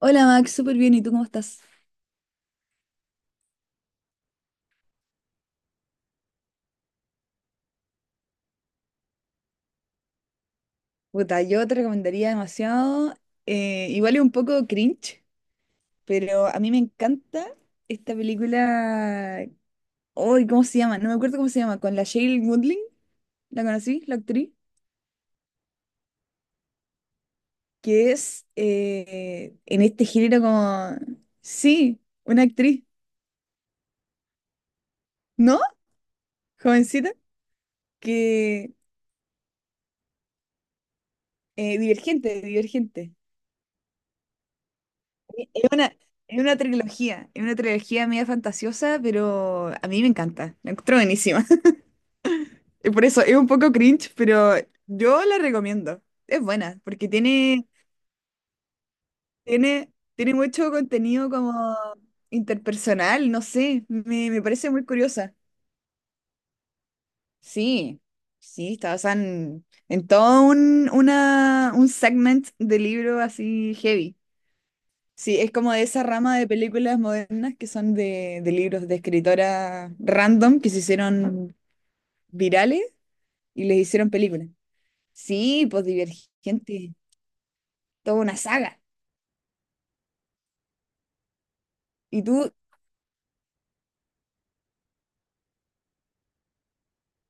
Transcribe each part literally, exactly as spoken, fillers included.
Hola Max, súper bien, ¿y tú cómo estás? Puta, yo te recomendaría demasiado, eh, igual es un poco cringe, pero a mí me encanta esta película, hoy, ¿cómo se llama? No me acuerdo cómo se llama, con la Shailene Woodley, ¿la conocí? La actriz, que es eh, en este género como, sí, una actriz, ¿no? Jovencita, que, eh, Divergente, Divergente, es una... Es una trilogía, es una trilogía media fantasiosa, pero a mí me encanta, la encuentro buenísima. Y por eso es un poco cringe, pero yo la recomiendo. Es buena, porque tiene, tiene, tiene mucho contenido como interpersonal, no sé, me, me parece muy curiosa. Sí, sí, está basada en, en todo un, una, un segment de libro así heavy. Sí, es como de esa rama de películas modernas que son de, de libros de escritoras random que se hicieron virales y les hicieron películas. Sí, pues Divergente, toda una saga. ¿Y tú,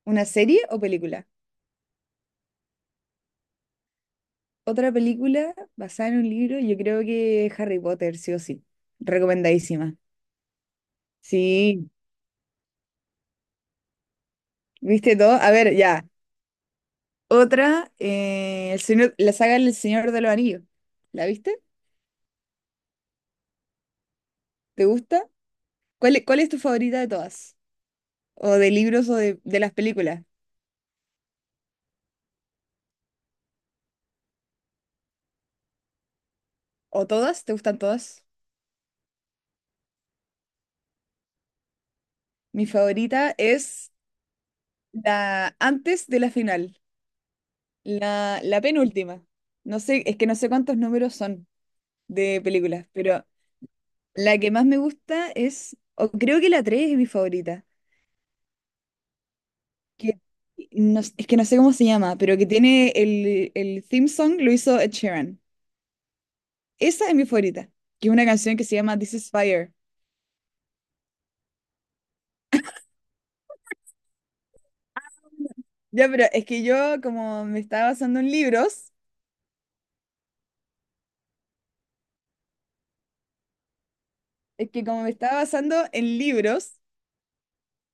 una serie o película? Otra película basada en un libro, yo creo que Harry Potter, sí o sí. Recomendadísima. Sí, ¿viste todo? A ver, ya. Otra, eh, el señor, la saga del Señor de los Anillos. ¿La viste? ¿Te gusta? ¿Cuál, e- Cuál es tu favorita de todas? ¿O de libros o de, de las películas? ¿O todas? ¿Te gustan todas? Mi favorita es la antes de la final, la, la penúltima. No sé, es que no sé cuántos números son de películas, pero la que más me gusta es, o creo que la tres es mi favorita, que no es que no sé cómo se llama, pero que tiene el, el theme song lo hizo Ed Sheeran. Esa es mi favorita, que es una canción que se llama This is Fire. Ya, pero es que yo como me estaba basando en libros, es que como me estaba basando en libros,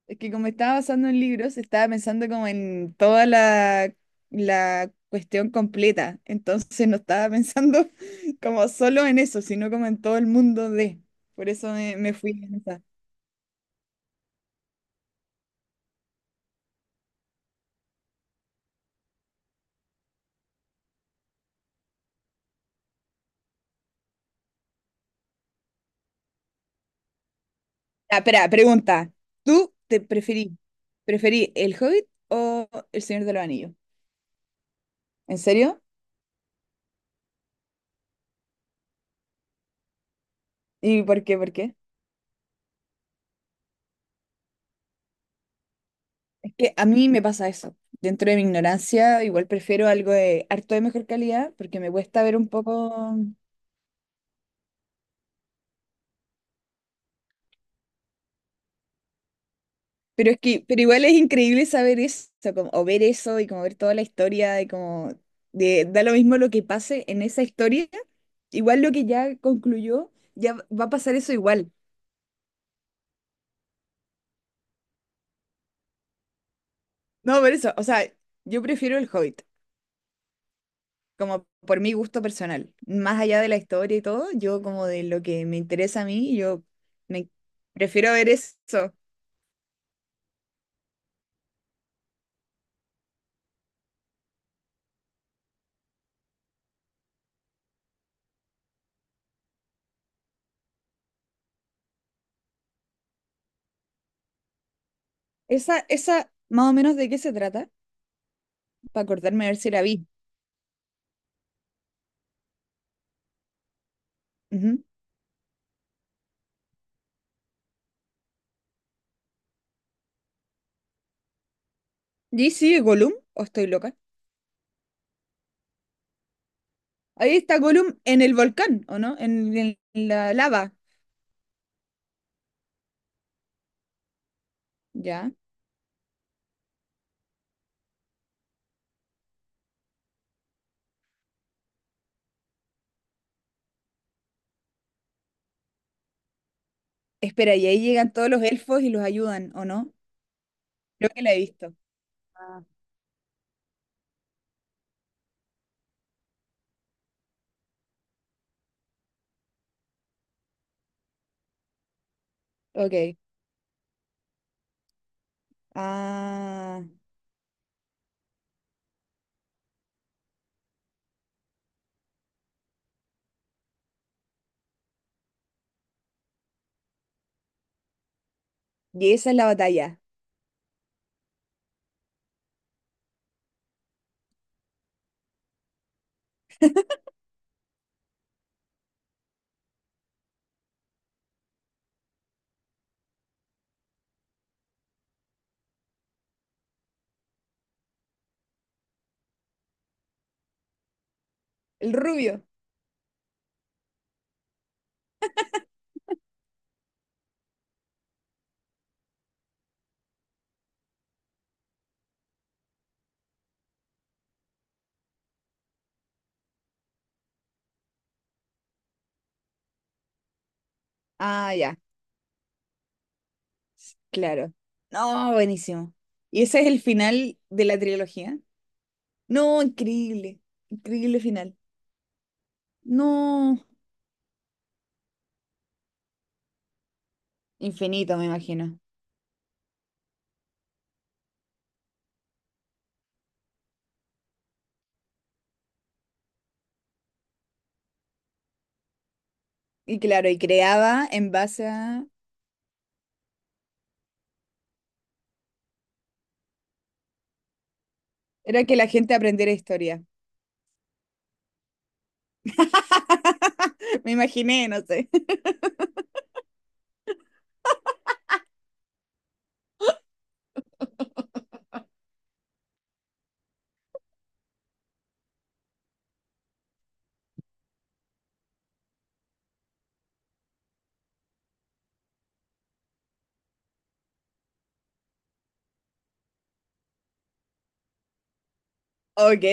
es que como estaba basando en libros, estaba pensando como en toda la, la cuestión completa. Entonces no estaba pensando como solo en eso, sino como en todo el mundo de. Por eso me, me fui en esa. Ah, espera, pregunta. ¿Tú te preferí, Preferí El Hobbit o El Señor de los Anillos? ¿En serio? ¿Y por qué? ¿Por qué? Es que a mí me pasa eso. Dentro de mi ignorancia, igual prefiero algo de harto de mejor calidad, porque me cuesta ver un poco. Pero es que, pero igual es increíble saber eso, como- o ver eso y como ver toda la historia y como de, da lo mismo lo que pase en esa historia, igual lo que ya concluyó, ya va a pasar eso igual. No, por eso, o sea, yo prefiero el Hobbit, como por mi gusto personal, más allá de la historia y todo, yo como de lo que me interesa a mí, yo me prefiero ver eso. Esa, esa, más o menos de qué se trata, para acordarme a ver si la vi. Ujú. ¿Y sí, Gollum? ¿O estoy loca? Ahí está Gollum en el volcán, ¿o no? En, en la lava, ya. Espera, y ahí llegan todos los elfos y los ayudan, ¿o no? Creo que la he visto. Ah, ok. Ah, y esa es la batalla. El rubio. Ah, ya, claro. No, buenísimo. ¿Y ese es el final de la trilogía? No, increíble. Increíble final. No, infinito, me imagino. Y claro, y creaba en base a... Era que la gente aprendiera historia. Me imaginé, no sé. Ok,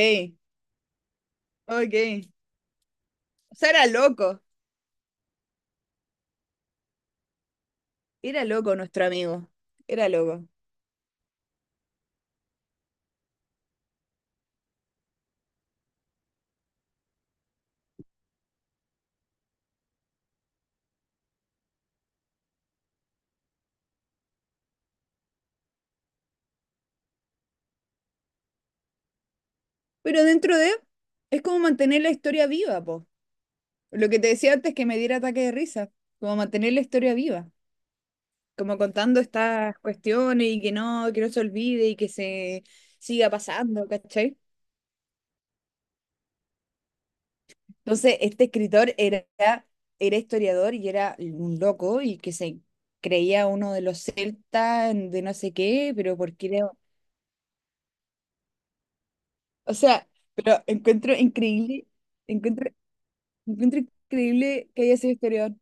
ok. O sea, era loco. Era loco nuestro amigo. Era loco. Pero dentro de, es como mantener la historia viva, po. Lo que te decía antes que me diera ataque de risa. Como mantener la historia viva. Como contando estas cuestiones y que no, que no se olvide y que se siga pasando, ¿cachai? Entonces, este escritor era, era historiador y era un loco y que se creía uno de los celtas de no sé qué, pero porque era... O sea, pero encuentro increíble, encuentro, encuentro increíble que haya sido historiador.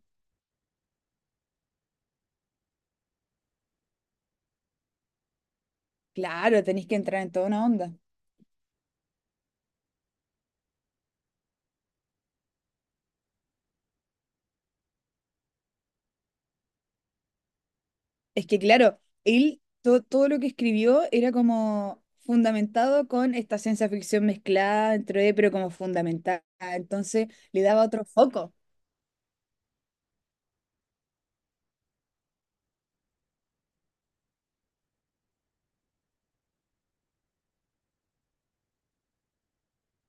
Claro, tenéis que entrar en toda una onda. Es que, claro, él, to- todo lo que escribió era como fundamentado con esta ciencia ficción mezclada dentro de, pero como fundamental. Entonces, le daba otro foco.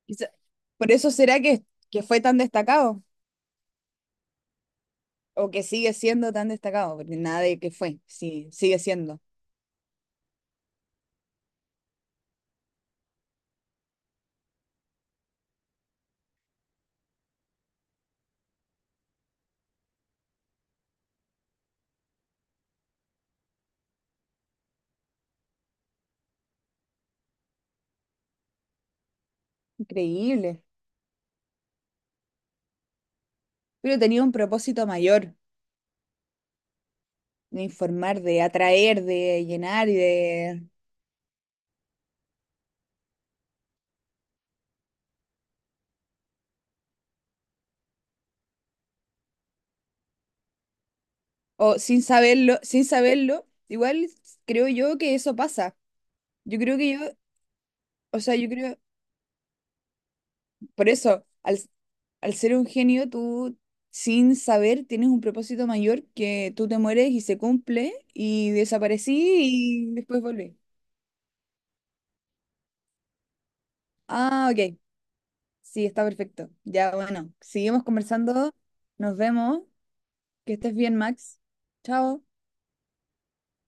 Quizá, por eso será que, que fue tan destacado, o que sigue siendo tan destacado, porque nada de que fue, sí, sigue siendo. Increíble. Pero tenía un propósito mayor, de informar, de atraer, de llenar y de... O sin saberlo, sin saberlo, igual creo yo que eso pasa. Yo creo que yo, o sea, yo creo, por eso, al, al ser un genio, tú sin saber tienes un propósito mayor que tú te mueres y se cumple y desaparecí y después volví. Ah, ok. Sí, está perfecto. Ya, bueno, seguimos conversando. Nos vemos. Que estés bien, Max. Chao.